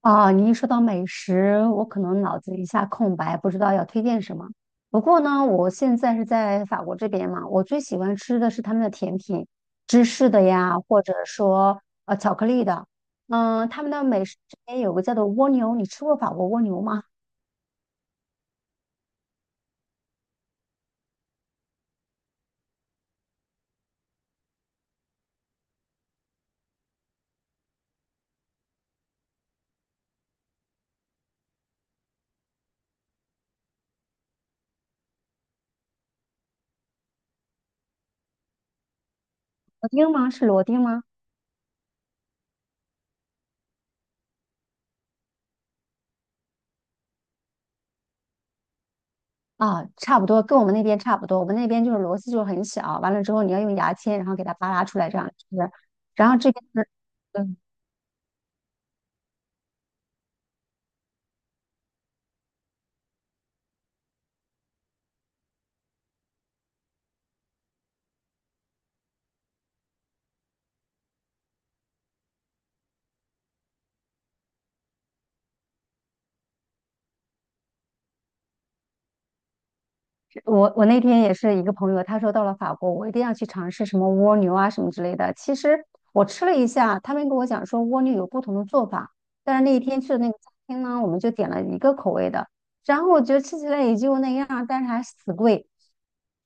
啊，你一说到美食，我可能脑子一下空白，不知道要推荐什么。不过呢，我现在是在法国这边嘛，我最喜欢吃的是他们的甜品，芝士的呀，或者说巧克力的。嗯，他们的美食这边有个叫做蜗牛，你吃过法国蜗牛吗？螺丁吗？是螺丁吗？啊，差不多，跟我们那边差不多。我们那边就是螺丝就是很小，完了之后你要用牙签，然后给它扒拉出来这样吃。然后这边是。嗯，我那天也是一个朋友，他说到了法国，我一定要去尝试什么蜗牛啊什么之类的。其实我吃了一下，他们跟我讲说蜗牛有不同的做法，但是那一天去的那个餐厅呢，我们就点了一个口味的，然后我觉得吃起来也就那样，但是还死贵。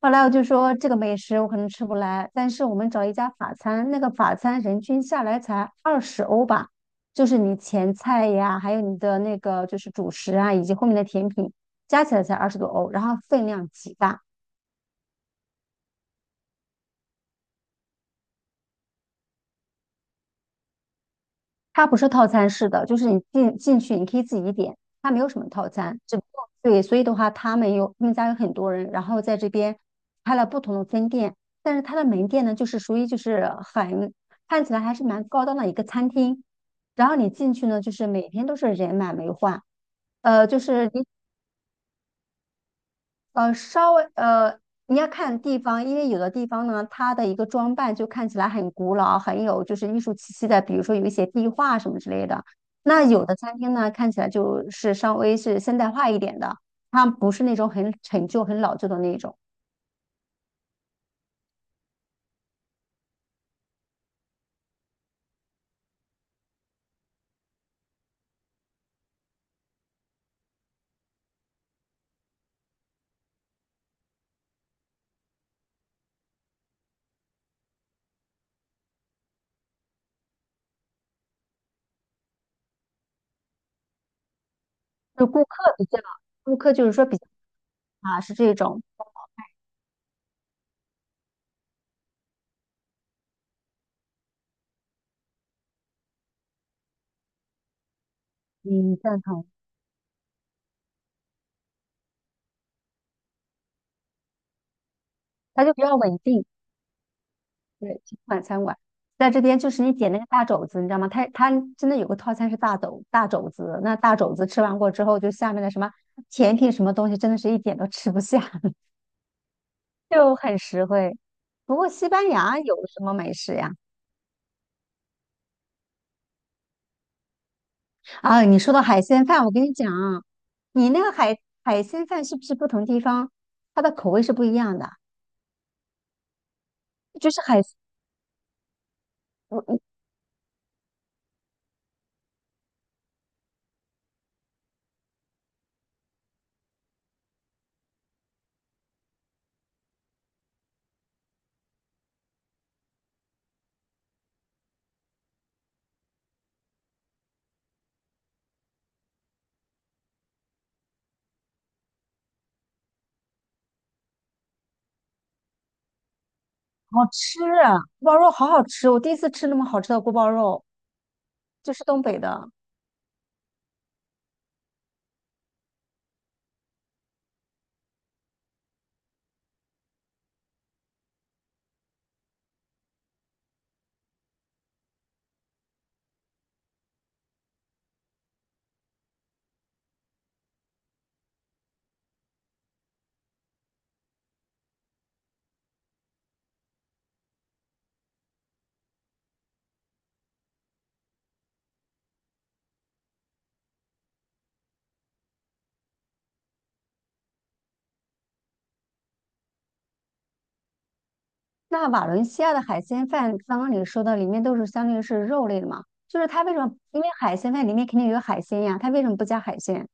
后来我就说这个美食我可能吃不来，但是我们找一家法餐，那个法餐人均下来才20欧吧，就是你前菜呀，还有你的那个就是主食啊，以及后面的甜品。加起来才20多欧，然后分量极大。它不是套餐式的，就是你进去你可以自己点，它没有什么套餐，只不过对，所以的话他们有他们家有很多人，然后在这边开了不同的分店，但是它的门店呢，就是属于就是很看起来还是蛮高档的一个餐厅，然后你进去呢，就是每天都是人满为患，呃，就是你呃，稍微呃，你要看地方，因为有的地方呢，它的一个装扮就看起来很古老，很有就是艺术气息的，比如说有一些壁画什么之类的。那有的餐厅呢，看起来就是稍微是现代化一点的，它不是那种很陈旧、很老旧的那种，就顾客就是说比较啊，是这种，嗯，赞同，它就比较稳定。对，清晚餐馆，在这边就是你点那个大肘子，你知道吗？它真的有个套餐是大肘子，那大肘子吃完过之后，就下面的什么甜品什么东西，真的是一点都吃不下，就很实惠。不过西班牙有什么美食呀？啊，你说到海鲜饭，我跟你讲啊，你那个海鲜饭是不是不同地方它的口味是不一样的？就是海，我好吃啊，锅包肉好好吃，我第一次吃那么好吃的锅包肉，就是东北的。那瓦伦西亚的海鲜饭，刚刚你说的里面都是相当于是肉类的嘛？就是它为什么？因为海鲜饭里面肯定有海鲜呀，它为什么不加海鲜？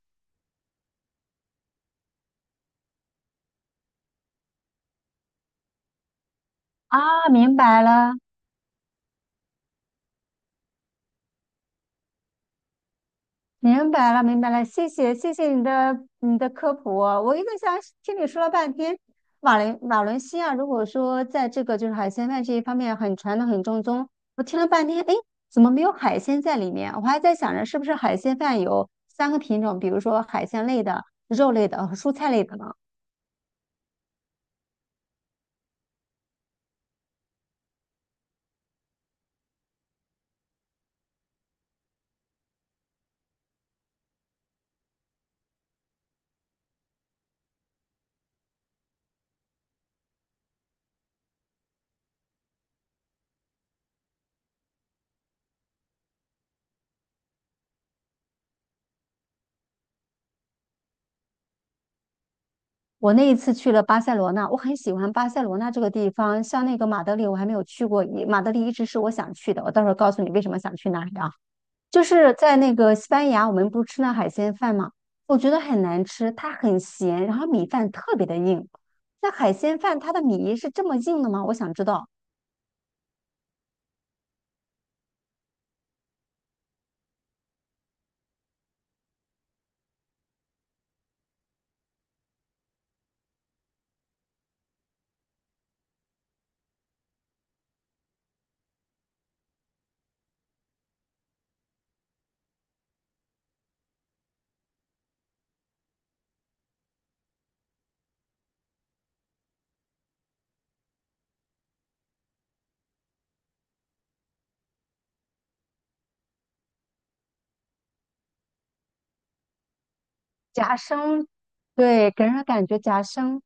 啊，明白了，明白了，明白了，谢谢，谢谢你的科普哦我一个想听你说了半天，瓦伦西亚如果说在这个就是海鲜饭这一方面很传统很正宗，我听了半天，哎，怎么没有海鲜在里面？我还在想着是不是海鲜饭有3个品种，比如说海鲜类的、肉类的和蔬菜类的呢？我那一次去了巴塞罗那，我很喜欢巴塞罗那这个地方。像那个马德里，我还没有去过，马德里一直是我想去的。我到时候告诉你为什么想去那里啊。就是在那个西班牙，我们不是吃那海鲜饭嘛，我觉得很难吃，它很咸，然后米饭特别的硬。那海鲜饭它的米是这么硬的吗？我想知道。夹生，对，给人的感觉夹生，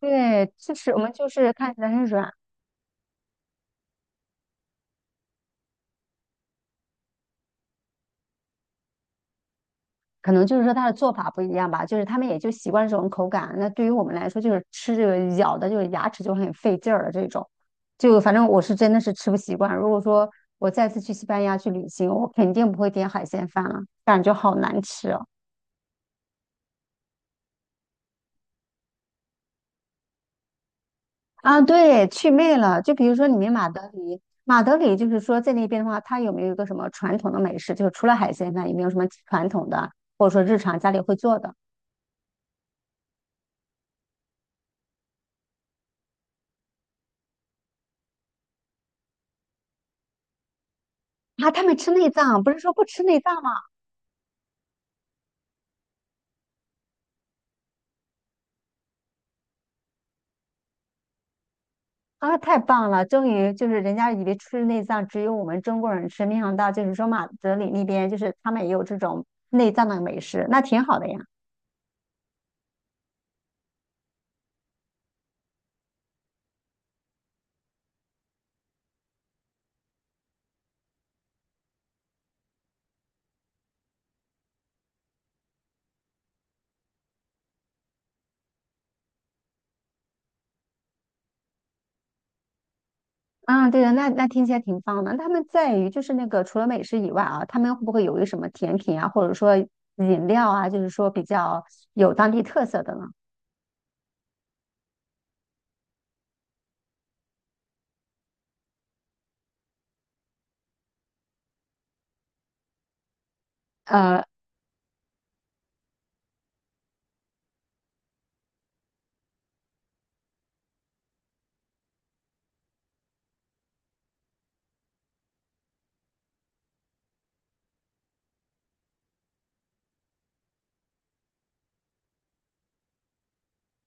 对，就是我们就是看起来很软。可能就是说他的做法不一样吧，就是他们也就习惯这种口感。那对于我们来说，就是吃这个咬的，就是牙齿就很费劲儿了这种。就反正我是真的是吃不习惯。如果说我再次去西班牙去旅行，我肯定不会点海鲜饭了，感觉好难吃哦。啊，对，去魅了。就比如说你们马德里，马德里就是说在那边的话，它有没有一个什么传统的美食？就是除了海鲜饭，有没有什么传统的，或者说日常家里会做的？啊，他们吃内脏，不是说不吃内脏吗？啊，太棒了！终于就是人家以为吃内脏只有我们中国人吃，没想到就是说马德里那边就是他们也有这种内脏的美食，那挺好的呀。啊，对的，那听起来挺棒的。那他们在于就是那个除了美食以外啊，他们会不会有一什么甜品啊，或者说饮料啊，就是说比较有当地特色的呢？呃，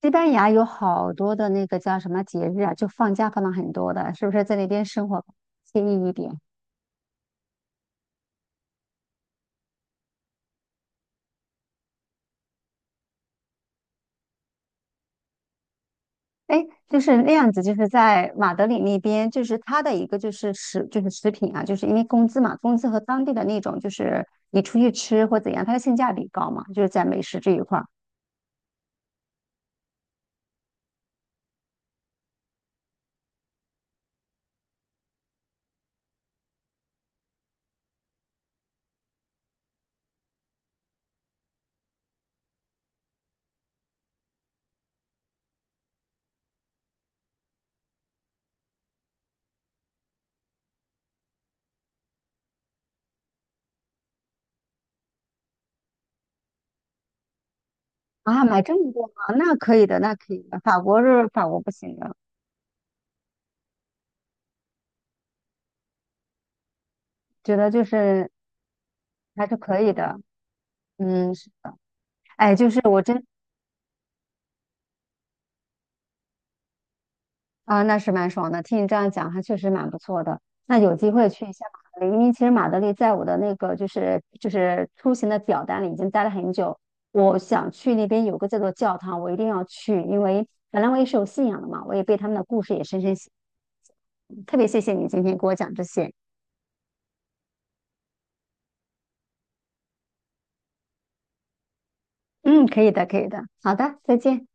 西班牙有好多的那个叫什么节日啊，就放假放了很多的，是不是在那边生活惬意一点？哎，就是那样子，就是在马德里那边，就是它的一个就是就是食品啊，就是因为工资嘛，工资和当地的那种就是你出去吃或怎样，它的性价比高嘛，就是在美食这一块儿啊，买这么多吗？那可以的，那可以的。法国是法国不行的，觉得就是还是可以的。嗯，是哎，就是我真啊，那是蛮爽的。听你这样讲，还确实蛮不错的。那有机会去一下马德里，因为其实马德里在我的那个就是出行的表单里已经待了很久。我想去那边有个叫做教堂，我一定要去，因为本来我也是有信仰的嘛，我也被他们的故事也深深吸引。特别谢谢你今天给我讲这些。嗯，可以的，可以的。好的，再见。